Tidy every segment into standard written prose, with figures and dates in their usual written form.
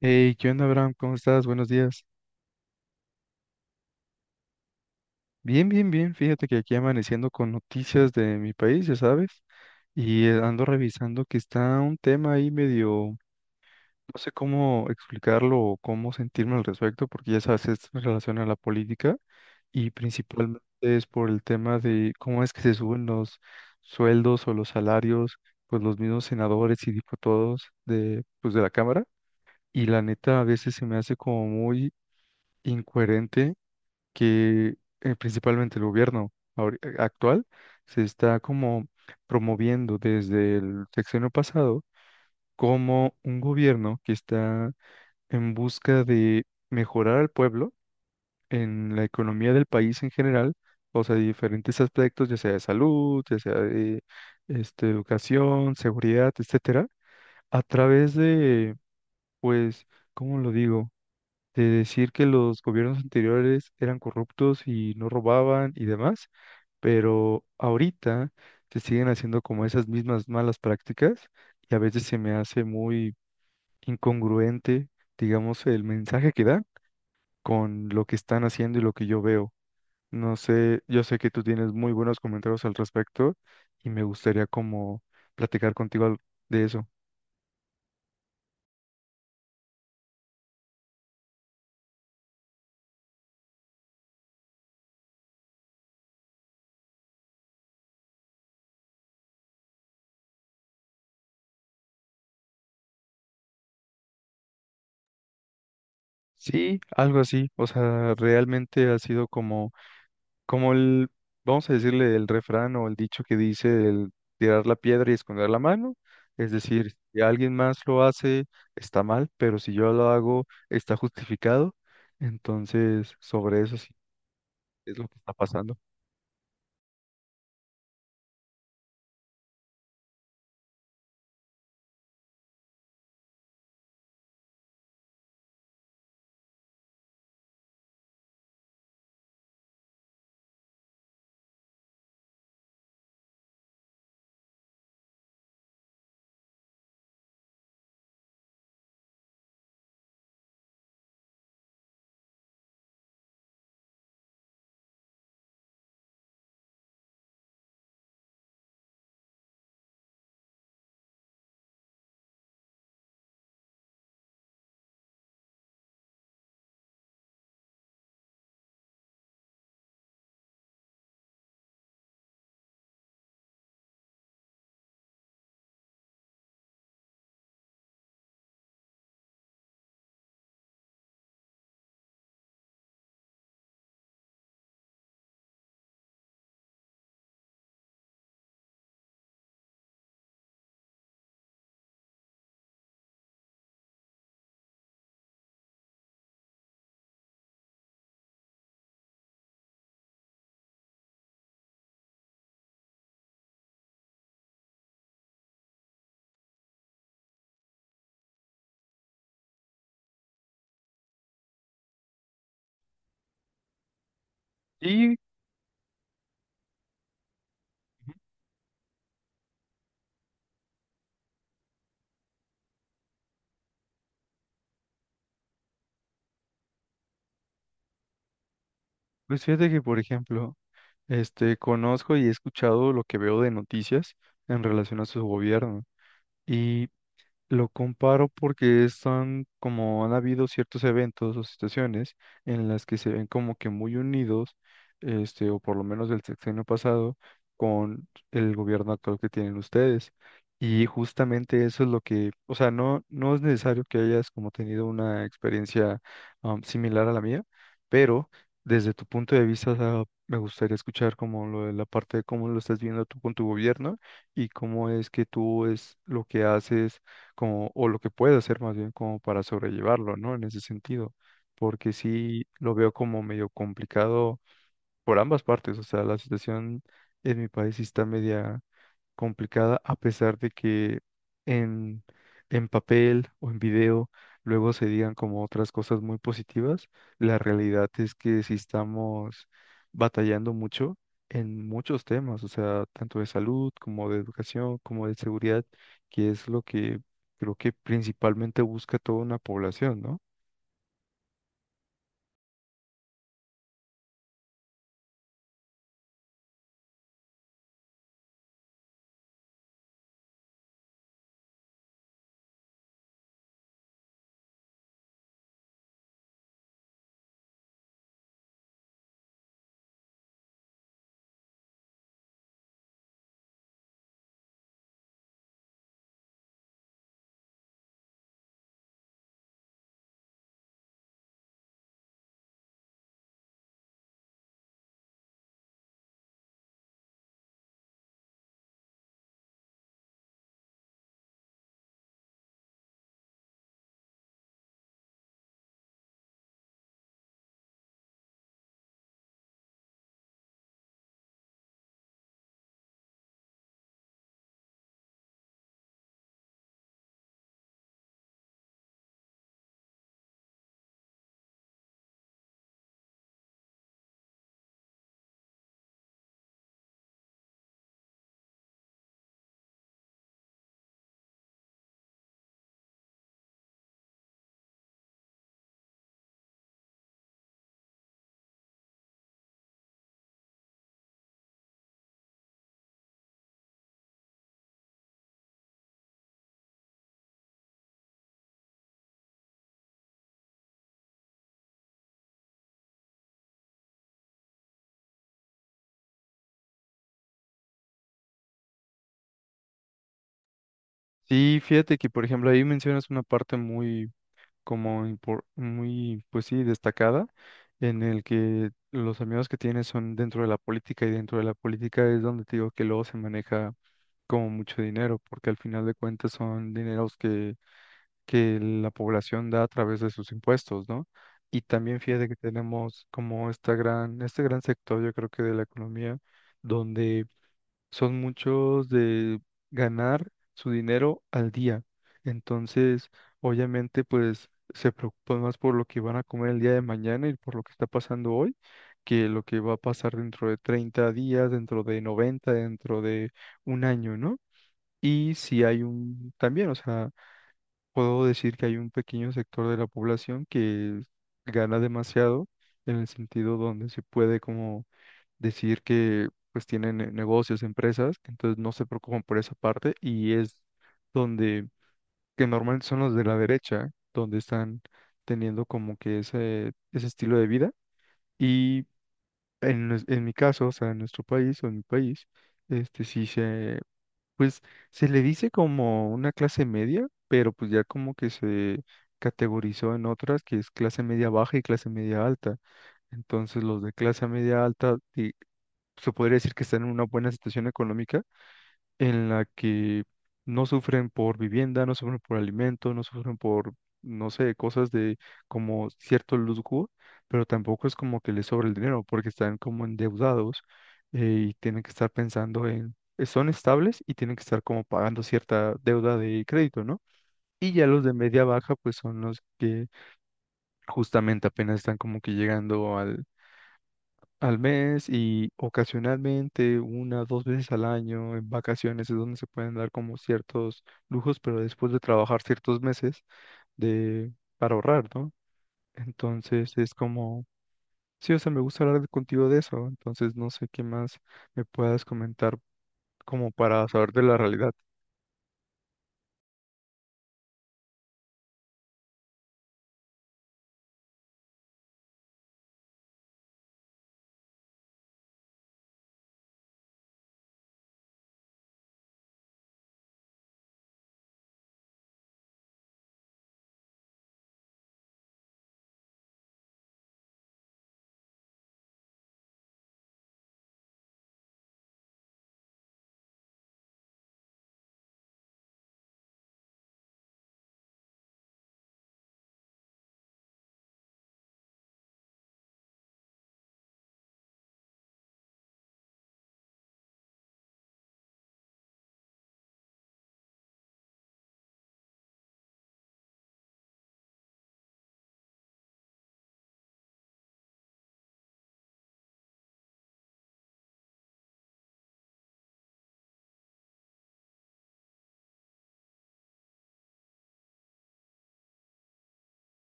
Hey, ¿qué onda, Abraham? ¿Cómo estás? Buenos días. Bien, bien, bien. Fíjate que aquí amaneciendo con noticias de mi país, ya sabes, y ando revisando que está un tema ahí medio, no sé cómo explicarlo o cómo sentirme al respecto, porque ya sabes, es en relación a la política y principalmente es por el tema de cómo es que se suben los sueldos o los salarios, pues los mismos senadores y diputados de, pues, de la Cámara. Y la neta a veces se me hace como muy incoherente que principalmente el gobierno actual se está como promoviendo desde el sexenio pasado como un gobierno que está en busca de mejorar al pueblo en la economía del país en general, o sea, de diferentes aspectos, ya sea de salud, ya sea de este, educación, seguridad, etcétera, a través de, pues, ¿cómo lo digo? De decir que los gobiernos anteriores eran corruptos y no robaban y demás, pero ahorita se siguen haciendo como esas mismas malas prácticas y a veces se me hace muy incongruente, digamos, el mensaje que dan con lo que están haciendo y lo que yo veo. No sé, yo sé que tú tienes muy buenos comentarios al respecto y me gustaría como platicar contigo de eso. Sí, algo así. O sea, realmente ha sido como como el, vamos a decirle el refrán o el dicho que dice el tirar la piedra y esconder la mano, es decir, si alguien más lo hace, está mal, pero si yo lo hago, está justificado. Entonces, sobre eso sí es lo que está pasando. Y pues fíjate que, por ejemplo, este, conozco y he escuchado lo que veo de noticias en relación a su gobierno. Y lo comparo porque están como han habido ciertos eventos o situaciones en las que se ven como que muy unidos, este, o por lo menos del sexenio pasado, con el gobierno actual que tienen ustedes. Y justamente eso es lo que, o sea, no es necesario que hayas como tenido una experiencia similar a la mía, pero desde tu punto de vista, o sea, me gustaría escuchar como lo de la parte de cómo lo estás viendo tú con tu gobierno y cómo es que tú es lo que haces como, o lo que puede hacer más bien como para sobrellevarlo, ¿no? En ese sentido, porque sí lo veo como medio complicado por ambas partes, o sea, la situación en mi país sí está media complicada a pesar de que en, en papel o en video luego se digan como otras cosas muy positivas, la realidad es que sí estamos batallando mucho en muchos temas, o sea, tanto de salud como de educación, como de seguridad, que es lo que creo que principalmente busca toda una población, ¿no? Sí, fíjate que, por ejemplo, ahí mencionas una parte muy como muy, pues sí, destacada, en el que los amigos que tienes son dentro de la política y dentro de la política es donde te digo que luego se maneja como mucho dinero, porque al final de cuentas son dineros que la población da a través de sus impuestos, ¿no? Y también fíjate que tenemos como esta gran, este gran sector, yo creo que de la economía, donde son muchos de ganar su dinero al día. Entonces, obviamente, pues se preocupan más por lo que van a comer el día de mañana y por lo que está pasando hoy, que lo que va a pasar dentro de 30 días, dentro de 90, dentro de un año, ¿no? Y si hay un, también, o sea, puedo decir que hay un pequeño sector de la población que gana demasiado en el sentido donde se puede como decir que pues tienen negocios, empresas, entonces no se preocupan por esa parte y es donde, que normalmente son los de la derecha, donde están teniendo como que ese estilo de vida y en mi caso, o sea, en nuestro país o en mi país, este sí se, pues se le dice como una clase media, pero pues ya como que se categorizó en otras que es clase media baja y clase media alta. Entonces los de clase media alta, se podría decir que están en una buena situación económica en la que no sufren por vivienda, no sufren por alimento, no sufren por, no sé, cosas de como cierto lujo, pero tampoco es como que les sobra el dinero porque están como endeudados y tienen que estar pensando son estables y tienen que estar como pagando cierta deuda de crédito, ¿no? Y ya los de media baja, pues son los que justamente apenas están como que llegando al mes y ocasionalmente una, dos veces al año, en vacaciones es donde se pueden dar como ciertos lujos, pero después de trabajar ciertos meses de, para ahorrar, ¿no? Entonces es como, sí, o sea, me gusta hablar contigo de eso, entonces no sé qué más me puedas comentar como para saber de la realidad.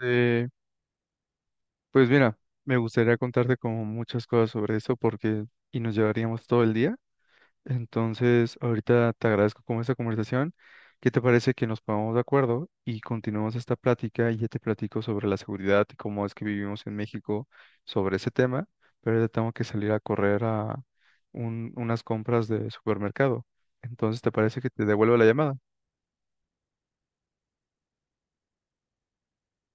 Eh, pues mira, me gustaría contarte como muchas cosas sobre eso porque y nos llevaríamos todo el día. Entonces, ahorita te agradezco como esta conversación. ¿Qué te parece que nos pongamos de acuerdo y continuemos esta plática? Y ya te platico sobre la seguridad y cómo es que vivimos en México sobre ese tema, pero ahorita tengo que salir a correr a unas compras de supermercado. Entonces, ¿te parece que te devuelvo la llamada?